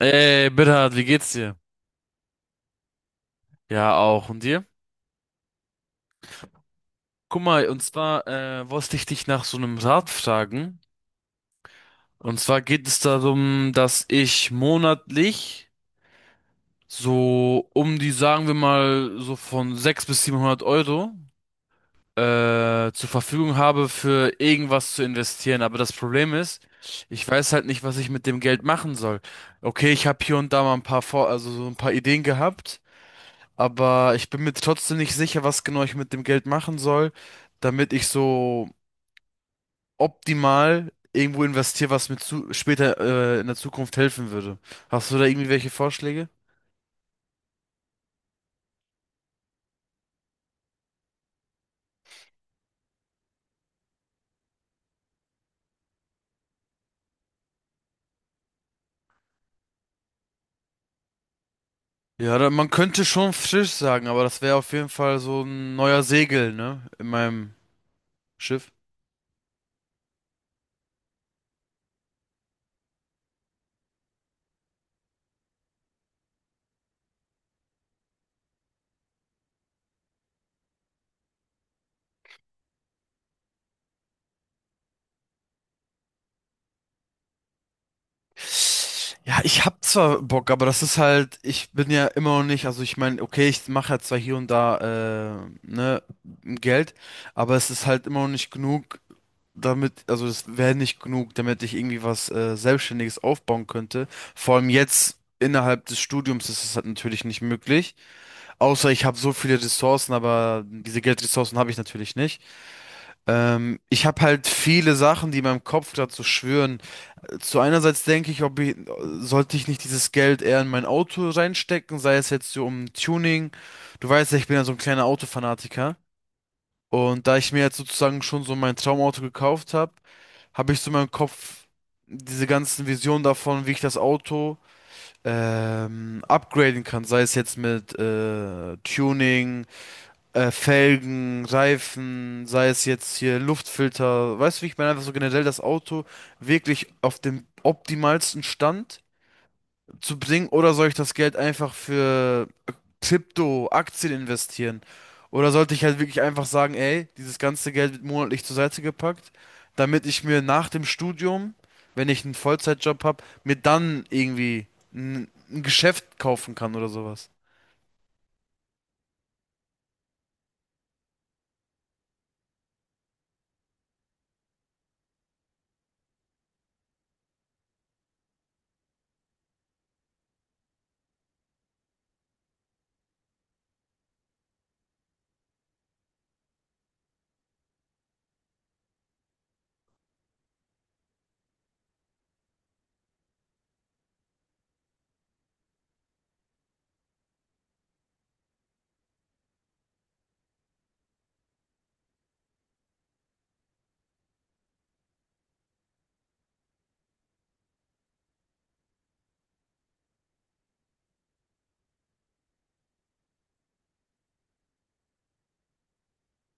Ey, Bernhard, wie geht's dir? Ja, auch. Und dir? Guck mal, und zwar wollte ich dich nach so einem Rat fragen. Und zwar geht es darum, dass ich monatlich so um die, sagen wir mal, so von 600 bis 700 Euro zur Verfügung habe, für irgendwas zu investieren. Aber das Problem ist, ich weiß halt nicht, was ich mit dem Geld machen soll. Okay, ich habe hier und da mal ein paar Vor also so ein paar Ideen gehabt. Aber ich bin mir trotzdem nicht sicher, was genau ich mit dem Geld machen soll, damit ich so optimal irgendwo investiere, was mir zu später in der Zukunft helfen würde. Hast du da irgendwie welche Vorschläge? Ja, da, man könnte schon Fisch sagen, aber das wäre auf jeden Fall so ein neuer Segel, ne? In meinem Schiff. Ja, ich hab zwar Bock, aber das ist halt, ich bin ja immer noch nicht, also ich meine, okay, ich mache ja zwar hier und da, ne, Geld, aber es ist halt immer noch nicht genug, damit, also das wäre nicht genug, damit ich irgendwie was Selbstständiges aufbauen könnte. Vor allem jetzt innerhalb des Studiums ist es halt natürlich nicht möglich. Außer ich habe so viele Ressourcen, aber diese Geldressourcen habe ich natürlich nicht. Ich habe halt viele Sachen, die in meinem Kopf gerade so schwirren. Zu Einerseits denke ich, sollte ich nicht dieses Geld eher in mein Auto reinstecken, sei es jetzt so um Tuning. Du weißt ja, ich bin ja so ein kleiner Autofanatiker. Und da ich mir jetzt sozusagen schon so mein Traumauto gekauft habe, habe ich so in meinem Kopf diese ganzen Visionen davon, wie ich das Auto upgraden kann. Sei es jetzt mit Tuning, Felgen, Reifen, sei es jetzt hier Luftfilter. Weißt du, wie ich meine? Einfach so generell das Auto wirklich auf dem optimalsten Stand zu bringen, oder soll ich das Geld einfach für Krypto, Aktien investieren? Oder sollte ich halt wirklich einfach sagen, ey, dieses ganze Geld wird monatlich zur Seite gepackt, damit ich mir nach dem Studium, wenn ich einen Vollzeitjob habe, mir dann irgendwie ein Geschäft kaufen kann oder sowas.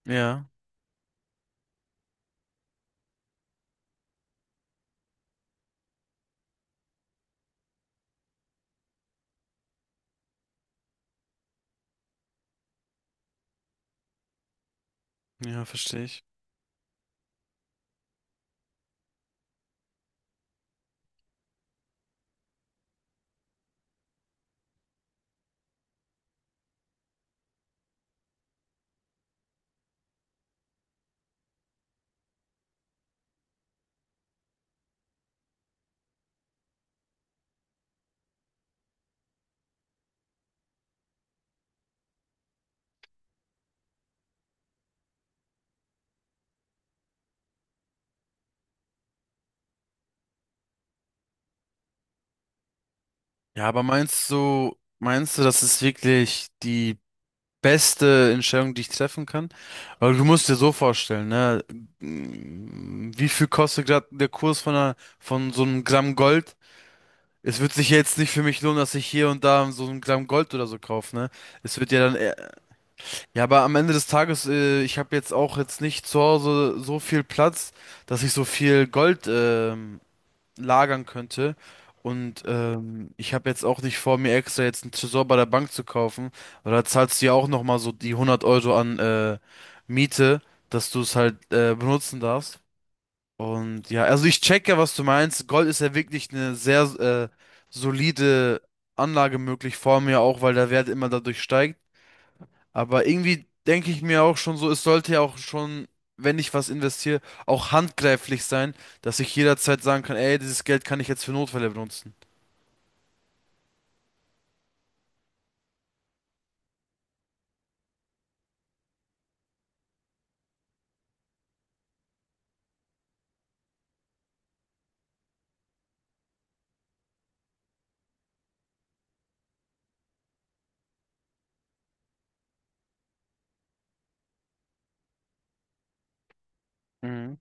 Ja, ja, verstehe ich. Ja, aber meinst du, das ist wirklich die beste Entscheidung, die ich treffen kann. Aber du musst dir so vorstellen, ne? Wie viel kostet gerade der Kurs von von so einem Gramm Gold? Es wird sich ja jetzt nicht für mich lohnen, dass ich hier und da so ein Gramm Gold oder so kaufe, ne? Es wird ja dann eher... Ja, aber am Ende des Tages, ich habe jetzt auch jetzt nicht zu Hause so viel Platz, dass ich so viel Gold lagern könnte. Und ich habe jetzt auch nicht vor, mir extra jetzt einen Tresor bei der Bank zu kaufen, weil da zahlst du ja auch nochmal so die 100 Euro an Miete, dass du es halt benutzen darfst. Und ja, also ich checke, was du meinst. Gold ist ja wirklich eine sehr solide Anlage möglich vor mir auch, weil der Wert immer dadurch steigt. Aber irgendwie denke ich mir auch schon so, es sollte ja auch schon, wenn ich was investiere, auch handgreiflich sein, dass ich jederzeit sagen kann, ey, dieses Geld kann ich jetzt für Notfälle benutzen. Mhm.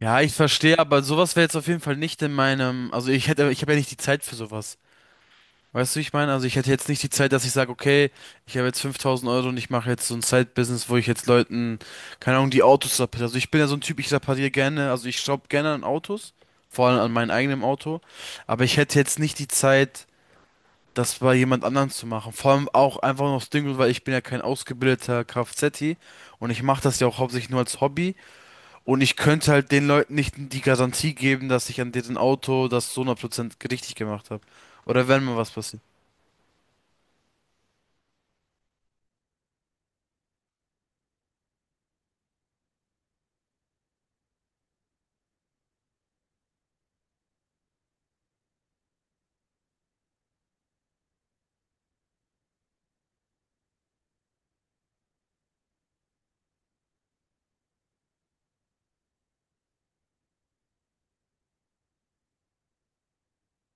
Ja, ich verstehe, aber sowas wäre jetzt auf jeden Fall nicht in meinem, also ich hätte, ich habe ja nicht die Zeit für sowas. Weißt du, wie ich meine? Also ich hätte jetzt nicht die Zeit, dass ich sage, okay, ich habe jetzt 5000 Euro und ich mache jetzt so ein Side-Business, wo ich jetzt Leuten, keine Ahnung, die Autos repariere. Also ich bin ja so ein Typ, ich repariere gerne, also ich schraube gerne an Autos, vor allem an meinem eigenen Auto, aber ich hätte jetzt nicht die Zeit, das bei jemand anderem zu machen. Vor allem auch einfach noch das Ding Grund, weil ich bin ja kein ausgebildeter Kfz-Ti und ich mache das ja auch hauptsächlich nur als Hobby, und ich könnte halt den Leuten nicht die Garantie geben, dass ich an diesem Auto das so 100% richtig gemacht habe. Oder wenn mal was passiert.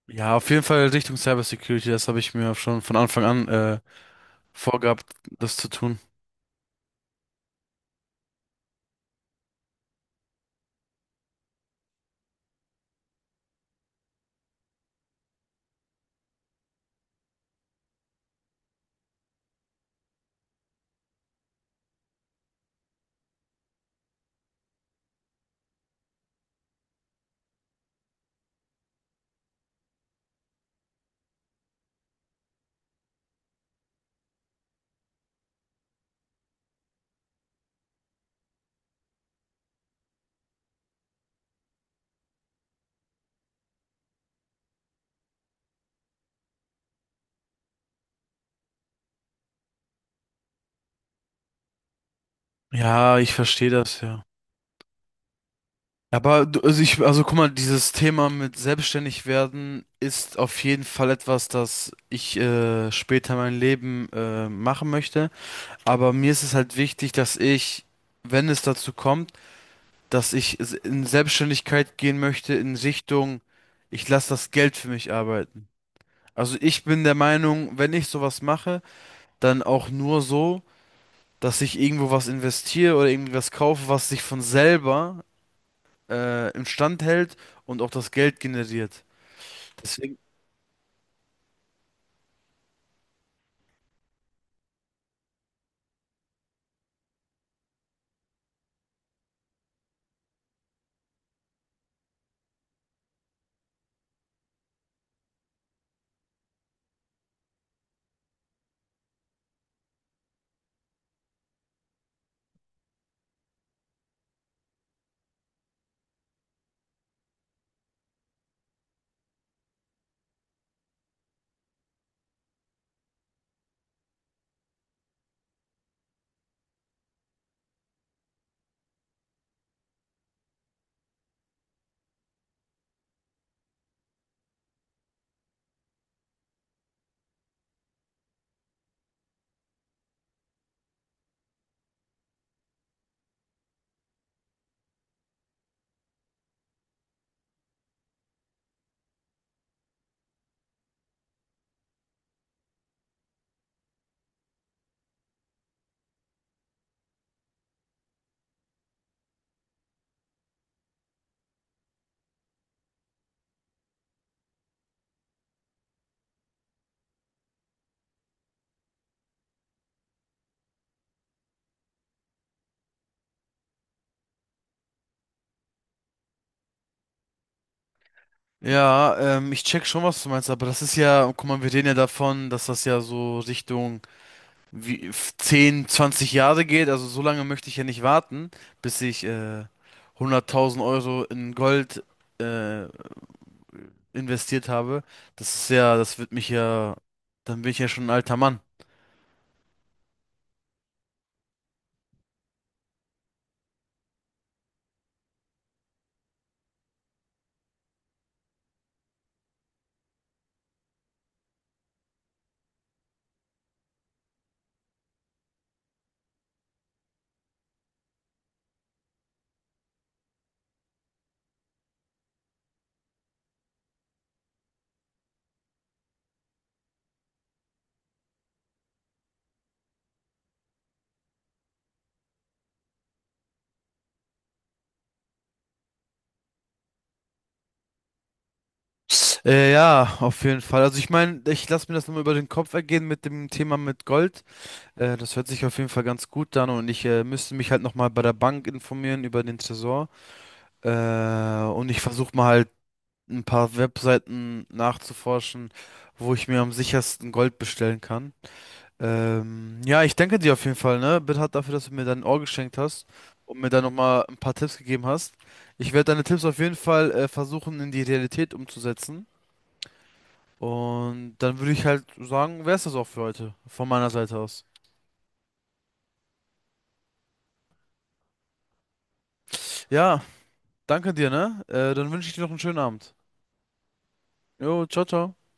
Ja, auf jeden Fall Richtung Cybersecurity, das habe ich mir schon von Anfang an vorgehabt, das zu tun. Ja, ich verstehe das, ja. Aber also also guck mal, dieses Thema mit selbstständig werden ist auf jeden Fall etwas, das ich später mein Leben machen möchte. Aber mir ist es halt wichtig, dass ich, wenn es dazu kommt, dass ich in Selbstständigkeit gehen möchte in Richtung, ich lasse das Geld für mich arbeiten. Also ich bin der Meinung, wenn ich sowas mache, dann auch nur so, dass ich irgendwo was investiere oder irgendwie was kaufe, was sich von selber instand hält und auch das Geld generiert. Deswegen, ja, ich check schon, was du meinst, aber das ist ja, guck mal, wir reden ja davon, dass das ja so Richtung 10, 20 Jahre geht. Also so lange möchte ich ja nicht warten, bis ich 100.000 Euro in Gold äh, investiert habe. Das ist ja, das wird mich ja, dann bin ich ja schon ein alter Mann. Ja, auf jeden Fall. Also ich meine, ich lasse mir das nochmal über den Kopf ergehen mit dem Thema mit Gold. Das hört sich auf jeden Fall ganz gut an, und ich müsste mich halt nochmal bei der Bank informieren über den Tresor. Äh, und ich versuche mal halt ein paar Webseiten nachzuforschen, wo ich mir am sichersten Gold bestellen kann. Ja, ich danke dir auf jeden Fall, ne? Bitte dafür, dass du mir dein Ohr geschenkt hast und mir da nochmal ein paar Tipps gegeben hast. Ich werde deine Tipps auf jeden Fall versuchen, in die Realität umzusetzen. Und dann würde ich halt sagen, wäre es das auch für heute, von meiner Seite aus. Ja. Danke dir, ne? Dann wünsche ich dir noch einen schönen Abend. Jo, ciao, ciao.